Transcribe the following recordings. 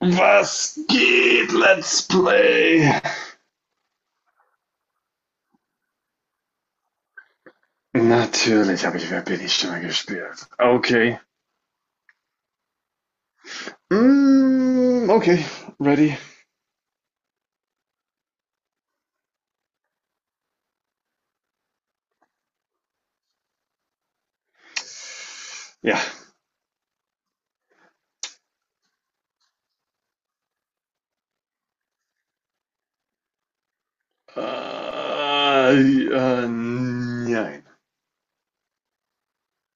Was geht, Let's Play? Natürlich habe ich Wer bin ich Stimme gespielt. Okay. Mm, okay, ready. Ja. Äh, nein.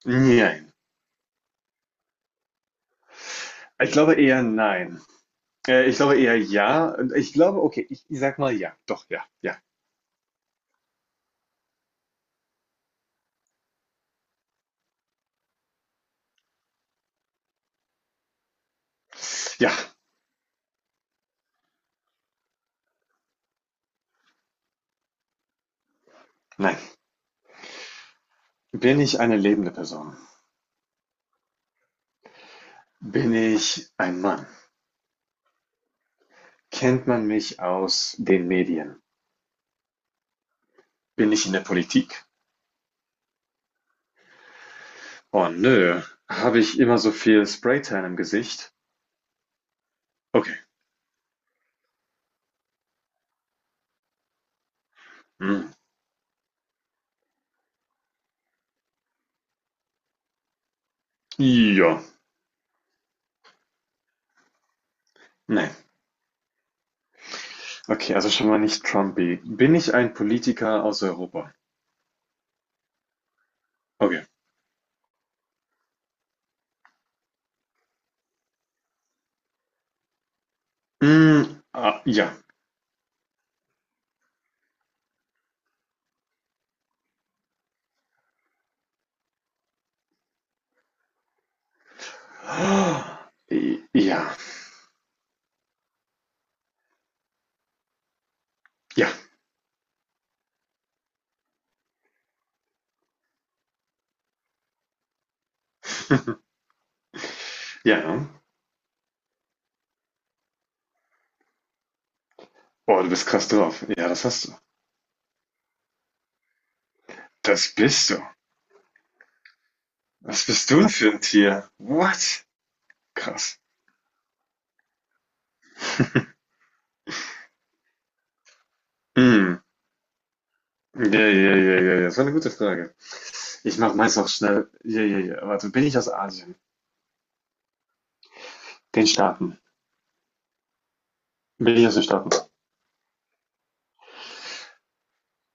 Nein. Ich glaube eher nein. Ich glaube eher ja. Ich glaube, okay, ich sag mal ja. Doch, ja, ja. Ja, nein. Bin ich eine lebende Person? Bin ich ein Mann? Kennt man mich aus den Medien? Bin ich in der Politik? Oh nö, habe ich immer so viel Spraytan im Gesicht? Okay, hm, ja, ne. Okay, also schon mal nicht Trumpy. Bin ich ein Politiker aus Europa? Okay. Hm, ah, ja. Ja, ja, ja, ne? Oh, du bist krass drauf. Ja, das hast du. Das bist du. Was bist du für ein Tier? What? Krass. Hm. Ja, ja, ja, ja, ja. Das war eine gute Frage. Ich mache meins auch schnell. Ja, ja, ja. Warte, bin ich aus Asien? Den Staaten. Bin ich aus den Staaten?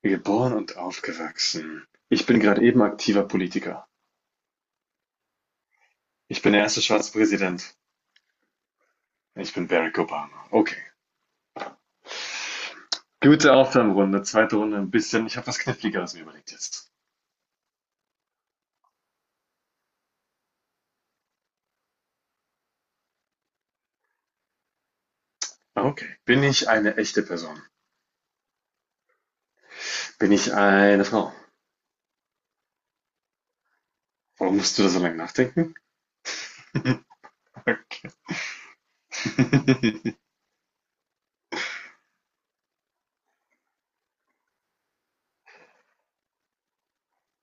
Geboren und aufgewachsen. Ich bin gerade eben aktiver Politiker. Ich bin der erste schwarze Präsident. Ich bin Barack Obama. Okay. Gute Aufwärmrunde. Zweite Runde ein bisschen. Ich habe was Kniffligeres mir überlegt jetzt. Okay. Bin ich eine echte Person? Bin ich eine Frau? Warum musst du da so lange nachdenken? Okay.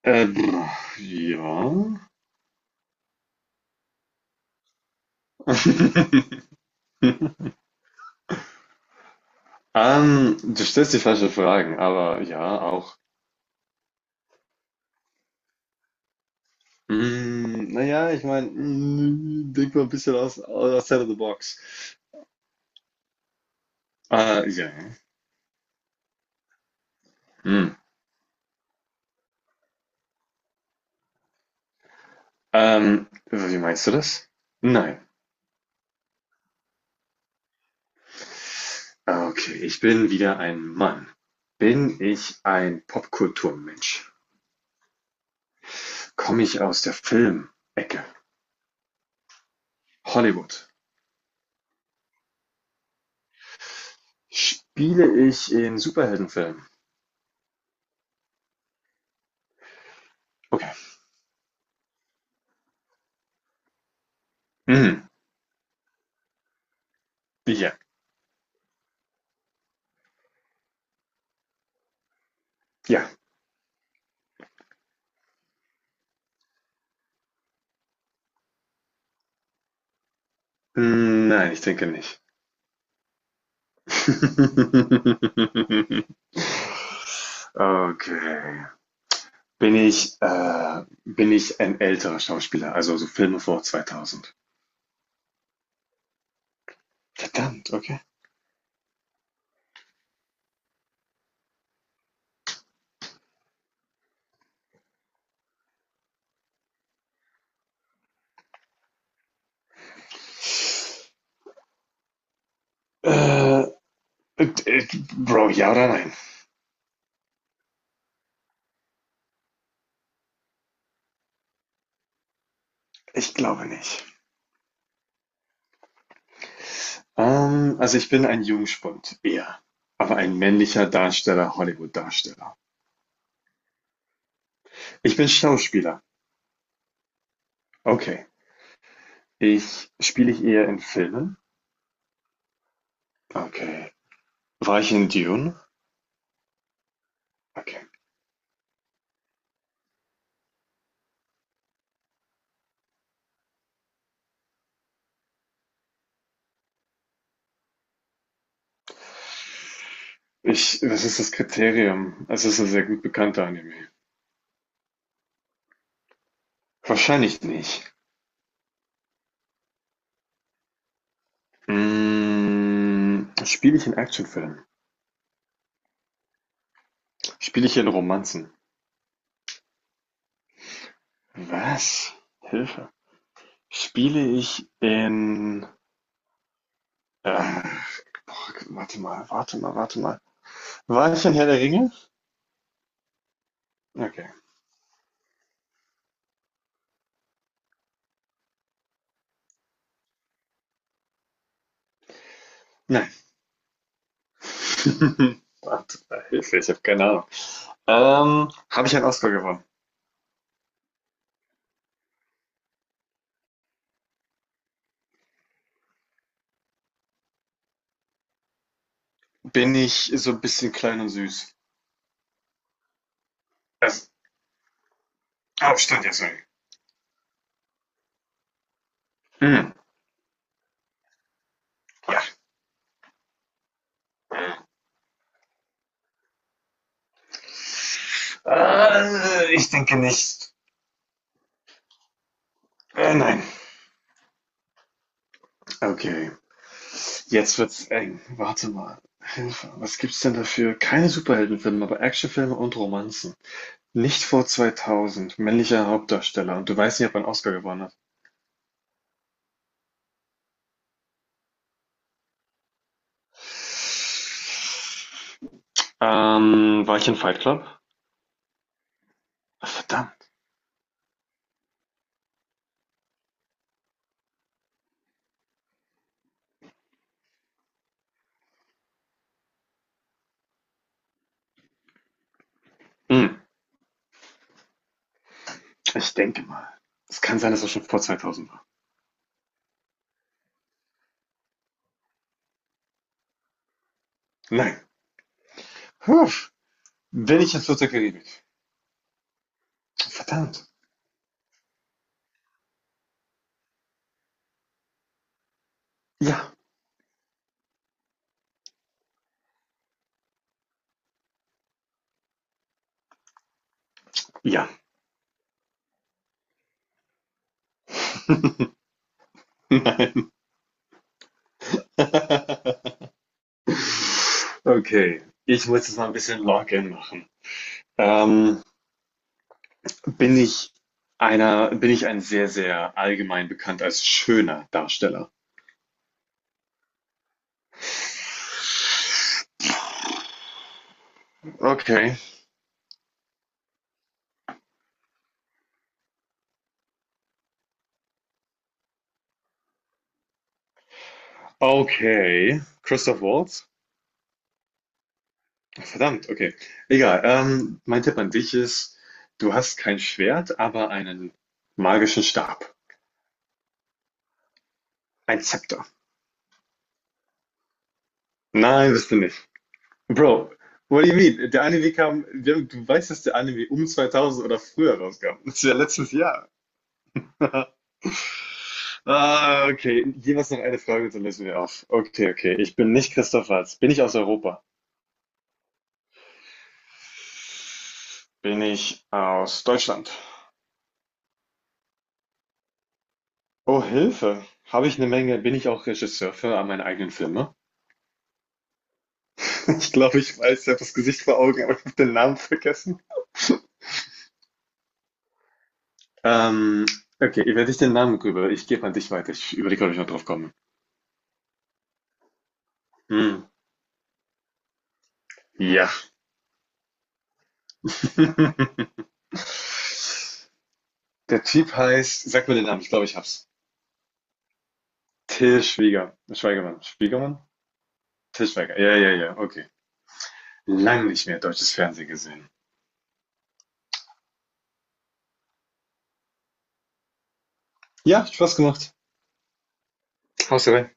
Äh, ja. Du stellst die falschen Fragen, aber ja, auch. Hm, na ja, ich meine, hm, denk mal ein bisschen aus, outside of the box. Ja. Hm. Wie meinst du das? Nein. Ah, okay, ich bin wieder ein Mann. Bin ich ein Popkulturmensch? Komme ich aus der Filmecke? Hollywood? Spiele ich in Superheldenfilmen? Okay. Hm. Ja. Ja. Hm, nein, ich denke nicht. Okay. Bin ich ein älterer Schauspieler, also so Filme vor 2000? Verdammt, okay. Äh, äh, Bro, ja oder nein? Ich glaube nicht. Also ich bin ein Jungspund, eher. Aber ein männlicher Darsteller, Hollywood-Darsteller. Ich bin Schauspieler. Okay. Ich spiele ich eher in Filmen? Okay. War ich in Dune? Okay. Ich, was ist das Kriterium? Es ist ein sehr gut bekannter Anime. Wahrscheinlich nicht. Hm, spiele ich in Actionfilmen? Spiele ich in Romanzen? Was? Hilfe. Spiele ich in, äh, boah, warte mal. War ich in Herr der Ringe? Okay. Nein. Warte mal, Hilfe, ich habe keine Ahnung. Habe ich einen Oscar gewonnen? Bin ich so ein bisschen klein und süß? Also, ah, jetzt. Hm. Ja. Ich denke nicht. Nein. Okay. Jetzt wird's eng. Warte mal. Hilfe. Was gibt's denn dafür? Keine Superheldenfilme, aber Actionfilme und Romanzen? Nicht vor 2000. Männlicher Hauptdarsteller. Und du weißt nicht, ob er einen Oscar gewonnen hat. War ich in Fight Club? Verdammt. Hm, ich denke mal. Es kann sein, dass er schon vor 2000 war. Nein. Puh. Bin ich in Fluss der Karibik? Verdammt. Ja. Ja. Nein. Okay. Ich muss jetzt mal ein bisschen Login machen. Ähm, Bin ich ein sehr, sehr allgemein bekannt als schöner Darsteller? Okay. Okay. Christoph Waltz? Verdammt, okay. Egal. Mein Tipp an dich ist, du hast kein Schwert, aber einen magischen Stab. Ein Zepter. Nein, bist du nicht. Bro, what do you mean? Der Anime kam, du weißt, dass der Anime um 2000 oder früher rauskam. Das ist ja letztes Jahr. Ah, okay. Jeweils noch eine Frage, dann lösen wir auf. Okay, okay. Ich bin nicht Christoph Waltz. Bin ich aus Europa? Bin ich aus Deutschland? Oh, Hilfe. Habe ich eine Menge. Bin ich auch Regisseur für meine eigenen Filme? Ich glaube, ich weiß, ich habe das Gesicht vor Augen, aber ich habe den Namen vergessen. Ähm, okay, ich werde ich den Namen rüber. Ich gebe an dich weiter. Ich überlege, ob ich noch drauf komme. Hm. Ja. Der Typ heißt, sag mir den Namen, ich glaube, ich hab's. Till Schwieger. Schweigermann. Schwiegermann? Tischweiger, ja, ja, ja, okay. Lang nicht mehr deutsches Fernsehen gesehen. Ja, Spaß gemacht. Haust du rein.